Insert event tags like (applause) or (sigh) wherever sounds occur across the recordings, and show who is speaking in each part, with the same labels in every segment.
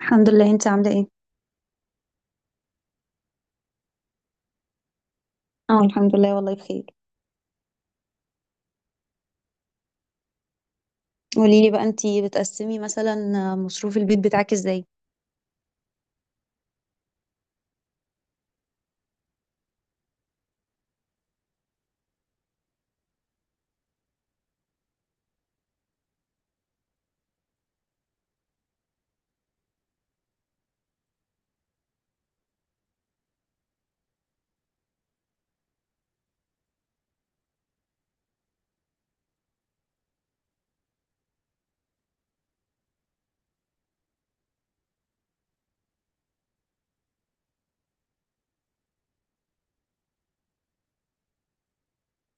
Speaker 1: الحمد لله، انت عامله ايه؟ اه، الحمد لله والله بخير. قولي لي بقى، انت بتقسمي مثلا مصروف البيت بتاعك ازاي؟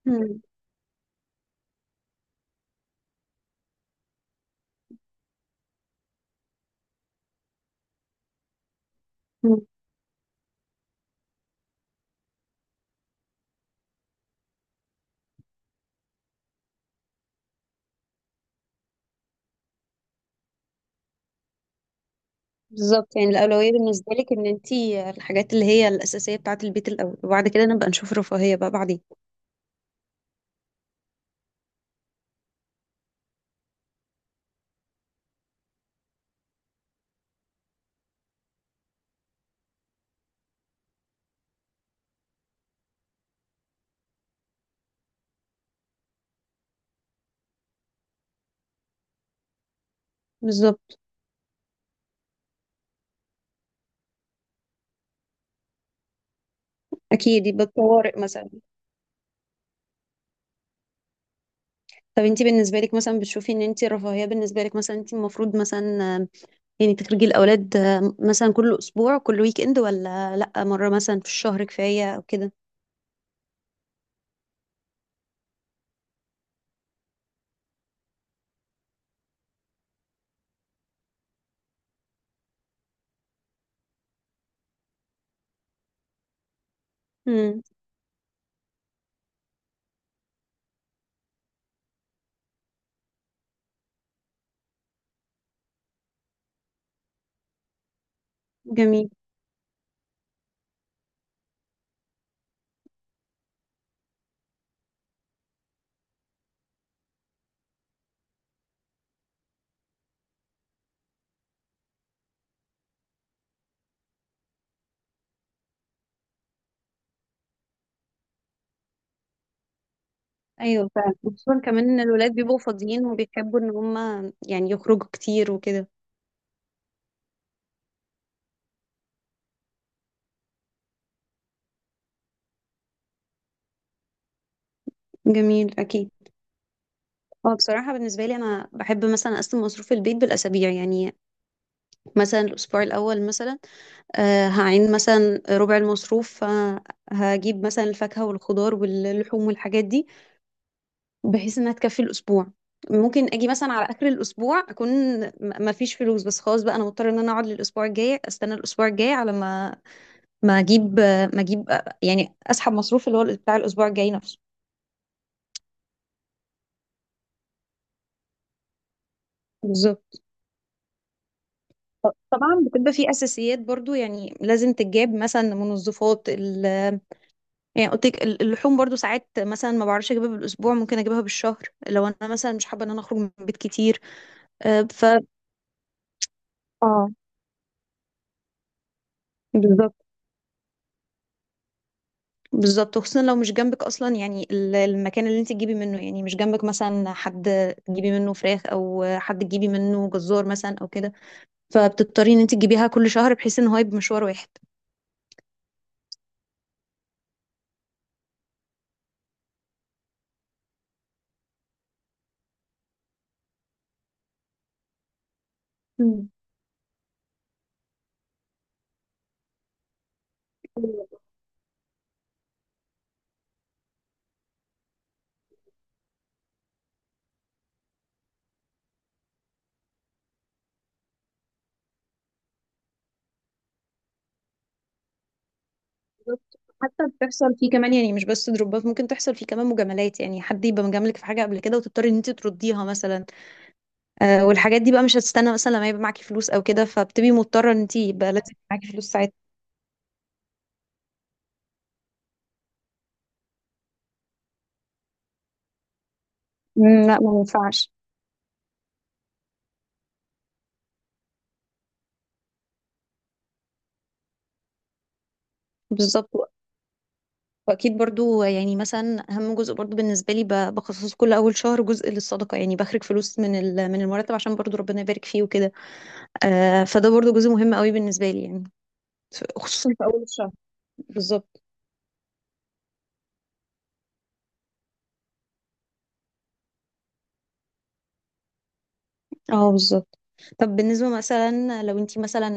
Speaker 1: مم. مم. بالظبط، يعني الأولوية بالنسبة لك إن أنت الحاجات اللي هي الأساسية بتاعة البيت الأول، وبعد كده نبقى نشوف رفاهية بقى بعدين. بالظبط. أكيد، يبقى الطوارئ مثلا. طب أنت بالنسبة لك مثلا بتشوفي إن أنت الرفاهية بالنسبة لك مثلا أنت المفروض مثلا يعني تخرجي الأولاد، مثلا كل أسبوع كل ويك إند، ولا لأ مرة مثلا في الشهر كفاية أو كده؟ امم جميل. ايوه فعلا، خصوصا كمان ان الولاد بيبقوا فاضيين وبيحبوا ان هم يعني يخرجوا كتير وكده. جميل، اكيد. هو بصراحة بالنسبة لي أنا بحب مثلا أقسم مصروف البيت بالأسابيع، يعني مثلا الأسبوع الأول مثلا هعين مثلا ربع المصروف، هجيب مثلا الفاكهة والخضار واللحوم والحاجات دي بحيث إنها تكفي الأسبوع. ممكن أجي مثلا على آخر الأسبوع أكون مفيش فلوس، بس خلاص بقى أنا مضطرة إن أنا أقعد للأسبوع الجاي، أستنى الأسبوع الجاي على ما ما اجيب ما اجيب، يعني اسحب مصروف اللي هو بتاع الاسبوع الجاي نفسه. بالظبط. طبعا بتبقى في اساسيات برضو، يعني لازم تتجاب مثلا منظفات يعني قلت لك اللحوم برضو ساعات مثلا ما بعرفش اجيبها بالاسبوع، ممكن اجيبها بالشهر لو انا مثلا مش حابه ان انا اخرج من البيت كتير. آه، ف اه بالظبط. بالظبط، وخصوصا لو مش جنبك اصلا، يعني المكان اللي انت تجيبي منه، يعني مش جنبك مثلا حد تجيبي منه فراخ او حد تجيبي منه جزار مثلا او كده، فبتضطري ان انت تجيبيها كل شهر بحيث ان هو يبقى مشوار واحد. مم. أيوة، بالظبط. حتى بتحصل فيه كمان، يعني مش بس دروبات، ممكن تحصل فيه كمان مجاملات، يعني حد يبقى مجاملك في حاجه قبل كده وتضطري ان انت ترديها مثلا. والحاجات دي بقى مش هتستنى مثلا لما يبقى معاكي فلوس او كده، فبتبقي مضطره ان انت يبقى لازم معاكي فلوس ساعتها. مم، لا، ما ينفعش. بالظبط. واكيد برضو يعني مثلا اهم جزء برضو بالنسبه لي بخصص كل اول شهر جزء للصدقه، يعني بخرج فلوس من من المرتب عشان برضو ربنا يبارك فيه وكده. فده برضو جزء مهم قوي بالنسبه لي يعني، خصوصا في اول الشهر. بالظبط. اه، بالظبط. طب بالنسبة مثلا لو انتي مثلا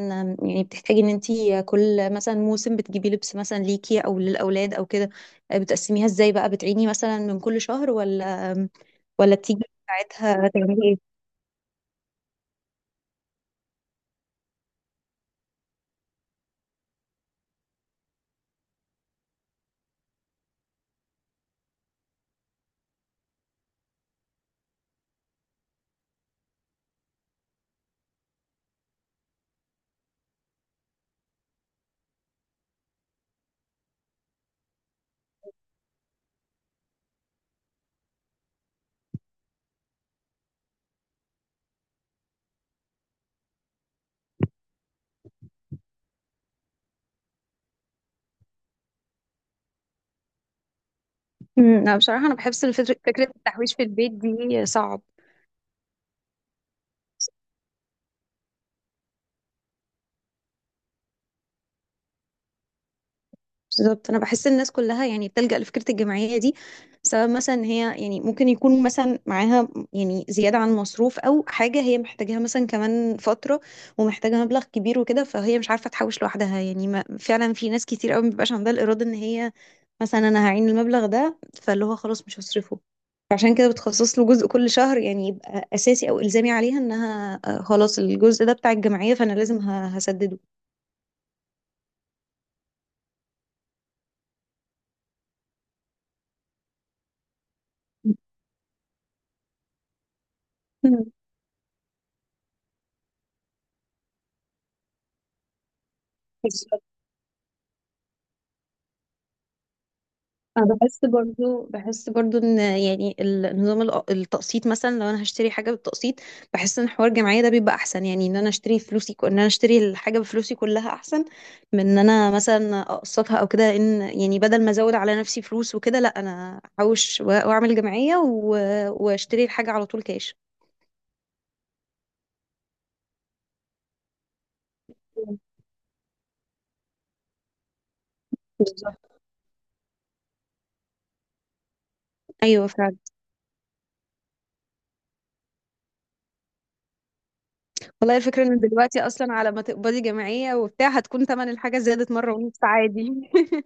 Speaker 1: يعني بتحتاجي ان انتي كل مثلا موسم بتجيبي لبس مثلا ليكي او للاولاد او كده، بتقسميها ازاي بقى؟ بتعيني مثلا من كل شهر، ولا بتيجي ساعتها تعملي ايه؟ لا، بصراحة انا بحس ان فكرة التحويش في البيت دي صعب. بالضبط، انا بحس الناس كلها يعني بتلجأ لفكره الجمعيه دي، سبب مثلا ان هي يعني ممكن يكون مثلا معاها يعني زياده عن المصروف او حاجه هي محتاجاها مثلا كمان فتره، ومحتاجه مبلغ كبير وكده، فهي مش عارفه تحوش لوحدها. يعني ما فعلا في ناس كتير قوي ما بيبقاش عندها الاراده ان هي مثلا انا هعين المبلغ ده فاللي هو خلاص مش هصرفه، فعشان كده بتخصص له جزء كل شهر، يعني يبقى اساسي او الزامي عليها انها خلاص الجزء ده بتاع الجمعيه فانا لازم هسدده. (laughs) مم. انا بحس برضو ان يعني النظام التقسيط، مثلا لو انا هشتري حاجه بالتقسيط بحس ان حوار الجمعيه ده بيبقى احسن، يعني ان انا اشتري الحاجه بفلوسي كلها احسن من ان انا مثلا اقسطها او كده، لان يعني بدل ما ازود على نفسي فلوس وكده لا انا احوش واعمل جمعيه واشتري الحاجه على طول كاش. بالظبط. ايوه فعلا، والله الفكره ان دلوقتي اصلا على ما تقبضي جمعيه وبتاع هتكون ثمن الحاجه زادت مره ونص عادي. (laughs)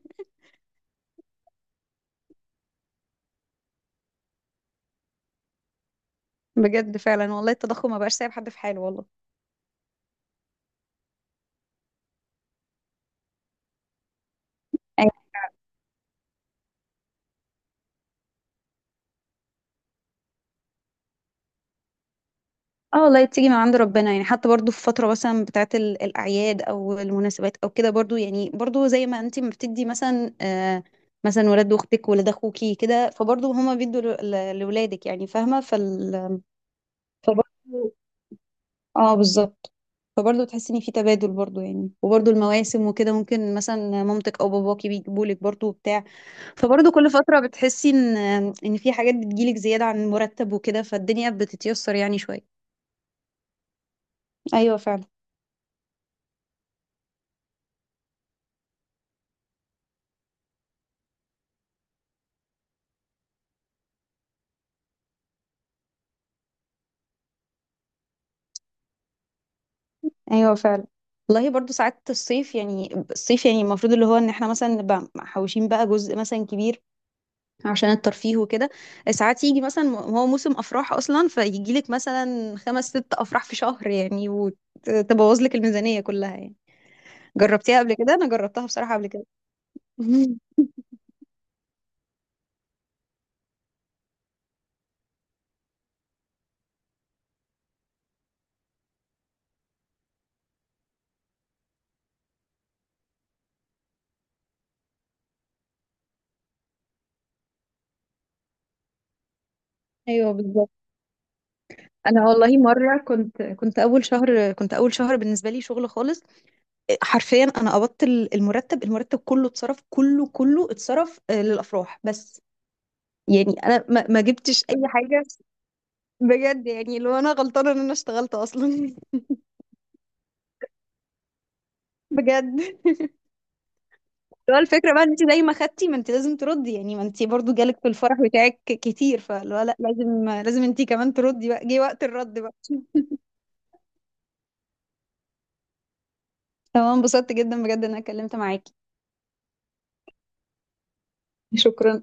Speaker 1: بجد فعلا، والله التضخم ما بقاش سايب حد في حاله والله. أيوة. اه، والله تيجي من عند ربنا، يعني حتى برضو في فترة مثلا بتاعت الأعياد أو المناسبات أو كده، برضو يعني زي ما انتي ما بتدي مثلا، مثلا ولاد أختك ولاد أخوكي كده، فبرضو هما بيدوا لولادك، يعني فاهمة فبرضو. اه، بالظبط. فبرضو تحسي إن في تبادل برضو، يعني وبرضو المواسم وكده ممكن مثلا مامتك أو باباكي بيجيبولك برضو بتاع. فبرضه كل فترة بتحسي ان في حاجات بتجيلك زيادة عن المرتب وكده، فالدنيا بتتيسر يعني شوية. ايوه فعلا. ايوه فعلا، والله برضه ساعات الصيف يعني المفروض اللي هو ان احنا مثلا نبقى محوشين بقى جزء مثلا كبير عشان الترفيه وكده. ساعات يجي مثلا هو موسم افراح اصلا، فيجي لك مثلا خمس ست افراح في شهر يعني، وتبوظ لك الميزانية كلها يعني. جربتيها قبل كده؟ انا جربتها بصراحة قبل كده. (laughs) ايوه بالظبط. انا والله مره كنت اول شهر بالنسبه لي شغل خالص، حرفيا انا قبضت المرتب كله اتصرف، كله اتصرف للافراح بس، يعني انا ما جبتش اي حاجه. بجد يعني لو انا غلطانه ان انا اشتغلت اصلا. (laughs) بجد. لو الفكره بقى إن انت زي ما خدتي ما انت لازم تردي، يعني ما انت برضو جالك في الفرح بتاعك كتير، فلو لا لازم انت كمان تردي بقى، جه وقت الرد بقى. تمام، انبسطت جدا بجد ان انا اتكلمت معاكي. شكرا.